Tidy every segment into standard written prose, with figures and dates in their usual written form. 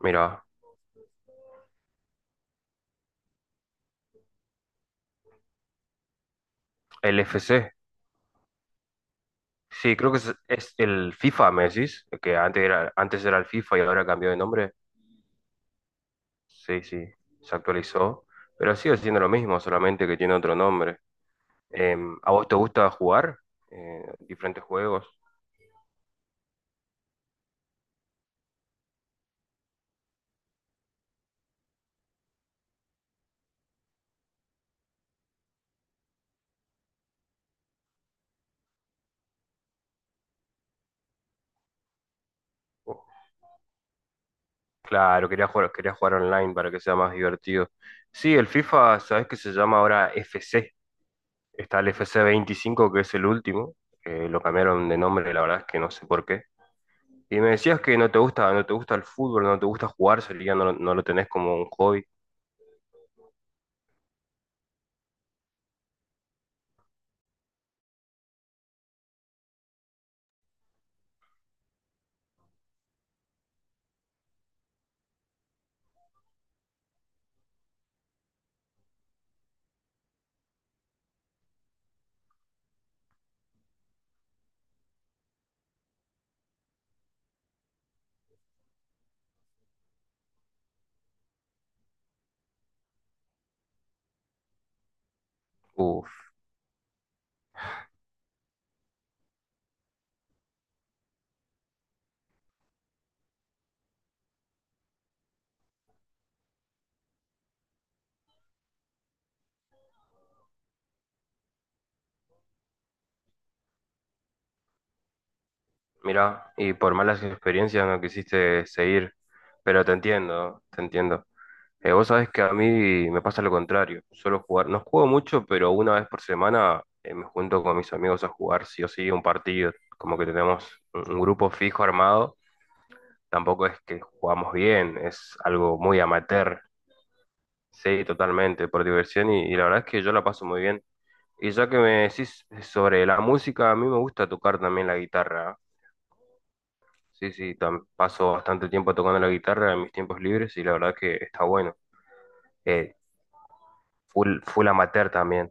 Mira, el FC. Sí, creo que es el FIFA, me decís, que antes era el FIFA y ahora cambió de nombre. Sí, sí, se actualizó, pero sigue siendo lo mismo, solamente que tiene otro nombre. ¿A vos te gusta jugar diferentes juegos? Oh, claro, quería jugar online para que sea más divertido. Sí, el FIFA, ¿sabés que se llama ahora FC? Está el FC 25, que es el último. Lo cambiaron de nombre, la verdad es que no sé por qué. Y me decías que no te gusta, no te gusta el fútbol, no te gusta jugar, sería, no, no lo tenés como un hobby. Uf, mirá, y por malas experiencias no quisiste seguir, pero te entiendo, te entiendo. Vos sabés que a mí me pasa lo contrario, suelo jugar, no juego mucho, pero una vez por semana me junto con mis amigos a jugar sí o sí un partido, como que tenemos un grupo fijo armado, tampoco es que jugamos bien, es algo muy amateur, sí, totalmente, por diversión y la verdad es que yo la paso muy bien. Y ya que me decís sobre la música, a mí me gusta tocar también la guitarra. Sí, sí, paso bastante tiempo tocando la guitarra en mis tiempos libres y la verdad que está bueno. Eh, full, full amateur también,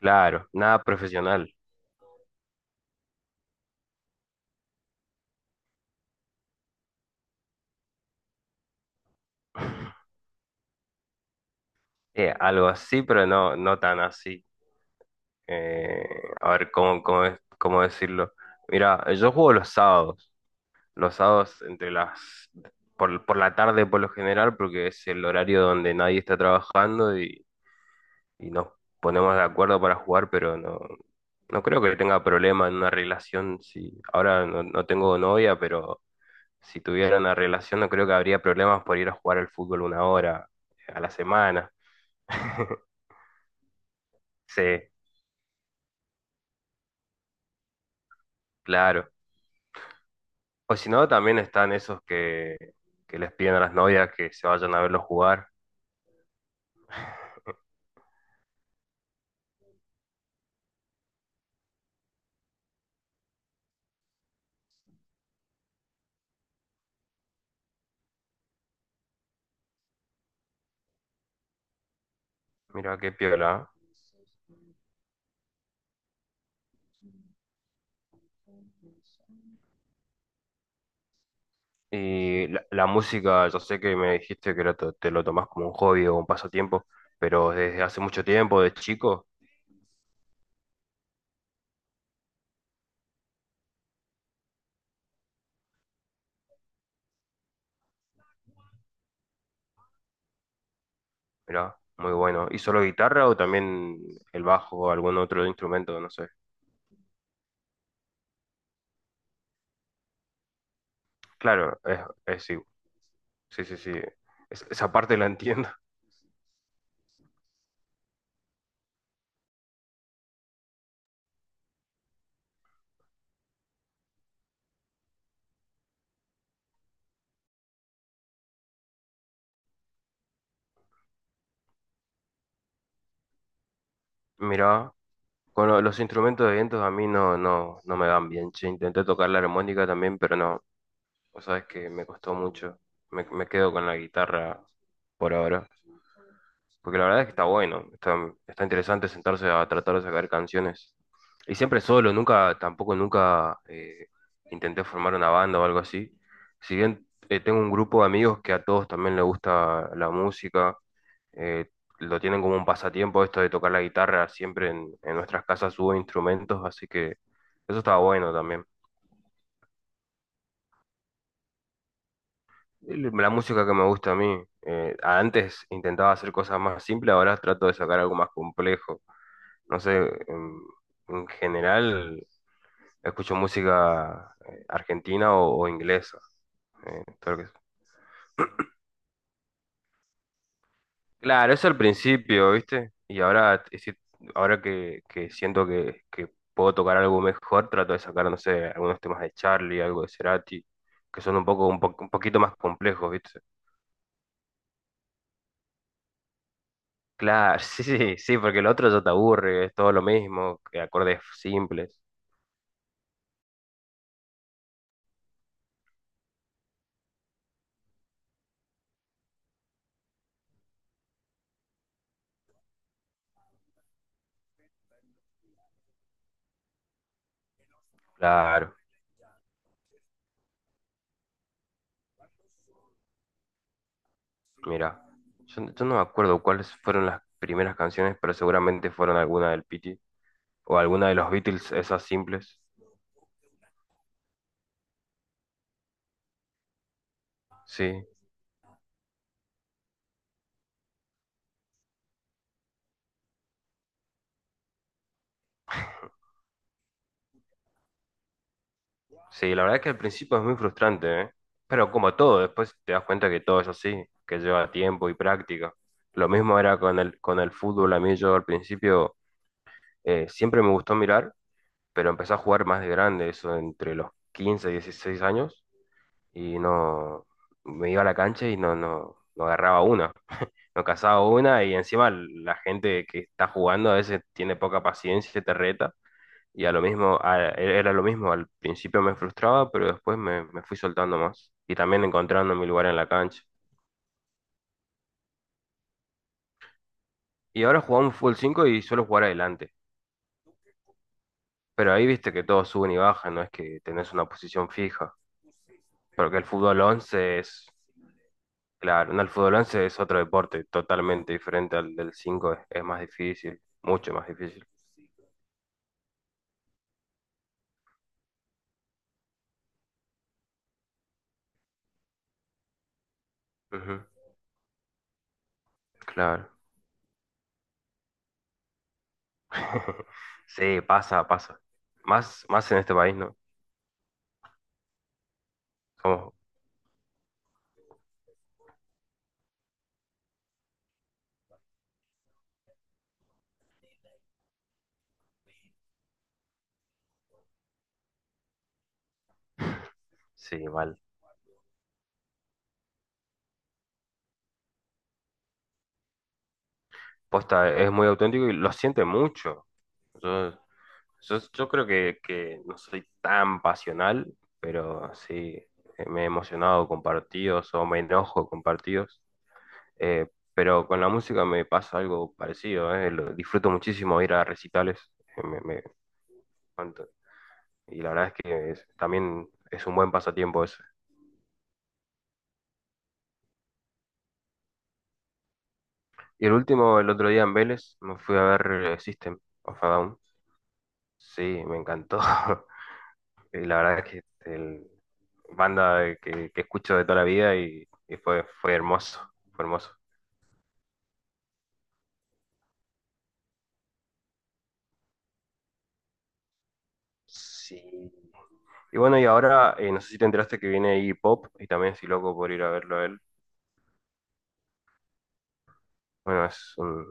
claro, nada profesional. Algo así, pero no, no tan así. Eh, a ver, cómo decirlo? Mira, yo juego los sábados entre las... Por la tarde por lo general, porque es el horario donde nadie está trabajando y nos ponemos de acuerdo para jugar, pero no creo que tenga problema en una relación. Si ahora no tengo novia, pero si tuviera una relación, no creo que habría problemas por ir a jugar al fútbol una hora a la semana. Sí, claro. O si no, también están esos que les piden a las novias que se vayan a verlos jugar. Mira qué piola. ¿Eh? Y la música, yo sé que me dijiste que te lo tomás como un hobby o un pasatiempo, pero desde hace mucho tiempo, de chico. Mirá, muy bueno. ¿Y solo guitarra o también el bajo o algún otro instrumento? No sé. Claro, es sí, sí, sí, sí. Esa parte la entiendo. Mirá, con los instrumentos de vientos a mí no me dan bien, che. Intenté tocar la armónica también, pero no. O sabes que me costó mucho. Me quedo con la guitarra por ahora. Porque la verdad es que está bueno, está interesante sentarse a tratar de sacar canciones. Y siempre solo, nunca, tampoco nunca intenté formar una banda o algo así. Si bien tengo un grupo de amigos que a todos también les gusta la música, eh, lo tienen como un pasatiempo esto de tocar la guitarra, siempre en nuestras casas hubo instrumentos, así que eso estaba bueno también. La música que me gusta a mí, antes intentaba hacer cosas más simples, ahora trato de sacar algo más complejo. No sé, en, en general escucho música argentina o inglesa. Todo lo que es- Claro, eso al principio, ¿viste? Y ahora, sí, ahora que siento que puedo tocar algo mejor, trato de sacar, no sé, algunos temas de Charlie, algo de Cerati, que son un poco, un poquito más complejos, ¿viste? Claro, sí, sí, sí, porque el otro ya te aburre, es todo lo mismo, que acordes simples. Claro. Mira, yo no me acuerdo cuáles fueron las primeras canciones, pero seguramente fueron alguna del Pity o alguna de los Beatles, esas simples. Sí, sí, la verdad es que al principio es muy frustrante, ¿eh? Pero como todo, después te das cuenta que todo es así, que lleva tiempo y práctica. Lo mismo era con el, fútbol, a mí yo al principio siempre me gustó mirar, pero empecé a jugar más de grande, eso entre los 15 y 16 años, y no, me iba a la cancha y no agarraba una. No cazaba una y encima la gente que está jugando a veces tiene poca paciencia, y te reta. Y a lo mismo, era lo mismo, al principio me frustraba, pero después me fui soltando más y también encontrando mi lugar en la cancha. Y ahora jugamos fútbol 5 y suelo jugar adelante, pero ahí viste que todos suben y bajan, no es que tenés una posición fija, porque el fútbol 11 es, claro, no, el fútbol 11 es otro deporte totalmente diferente al del 5 es más difícil, mucho más difícil. Ujú, claro. Sí, pasa, pasa. Más, más en este país, ¿no? Somos, sí, mal. Posta es muy auténtico y lo siente mucho. Yo, yo creo que no soy tan pasional, pero sí, me he emocionado con partidos o me enojo con partidos. Eh, pero con la música me pasa algo parecido, ¿eh? Disfruto muchísimo ir a recitales. eh, me- me- cuanto- y la verdad es que también es un buen pasatiempo eso. Y el último, el otro día en Vélez, me fui a ver System of a Down. Sí, me encantó. Y la verdad es que el banda que escucho de toda la vida y fue hermoso, fue hermoso. Sí. Y bueno, y ahora, no sé si te enteraste que viene Iggy Pop y también estoy loco por ir a verlo a él. Bueno, es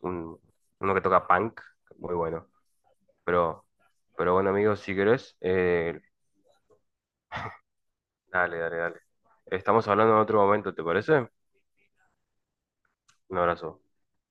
un- uno que toca punk, muy bueno. Pero, pero bueno, amigos, si querés, dale, dale, dale. Estamos hablando en otro momento, ¿te parece? Un abrazo.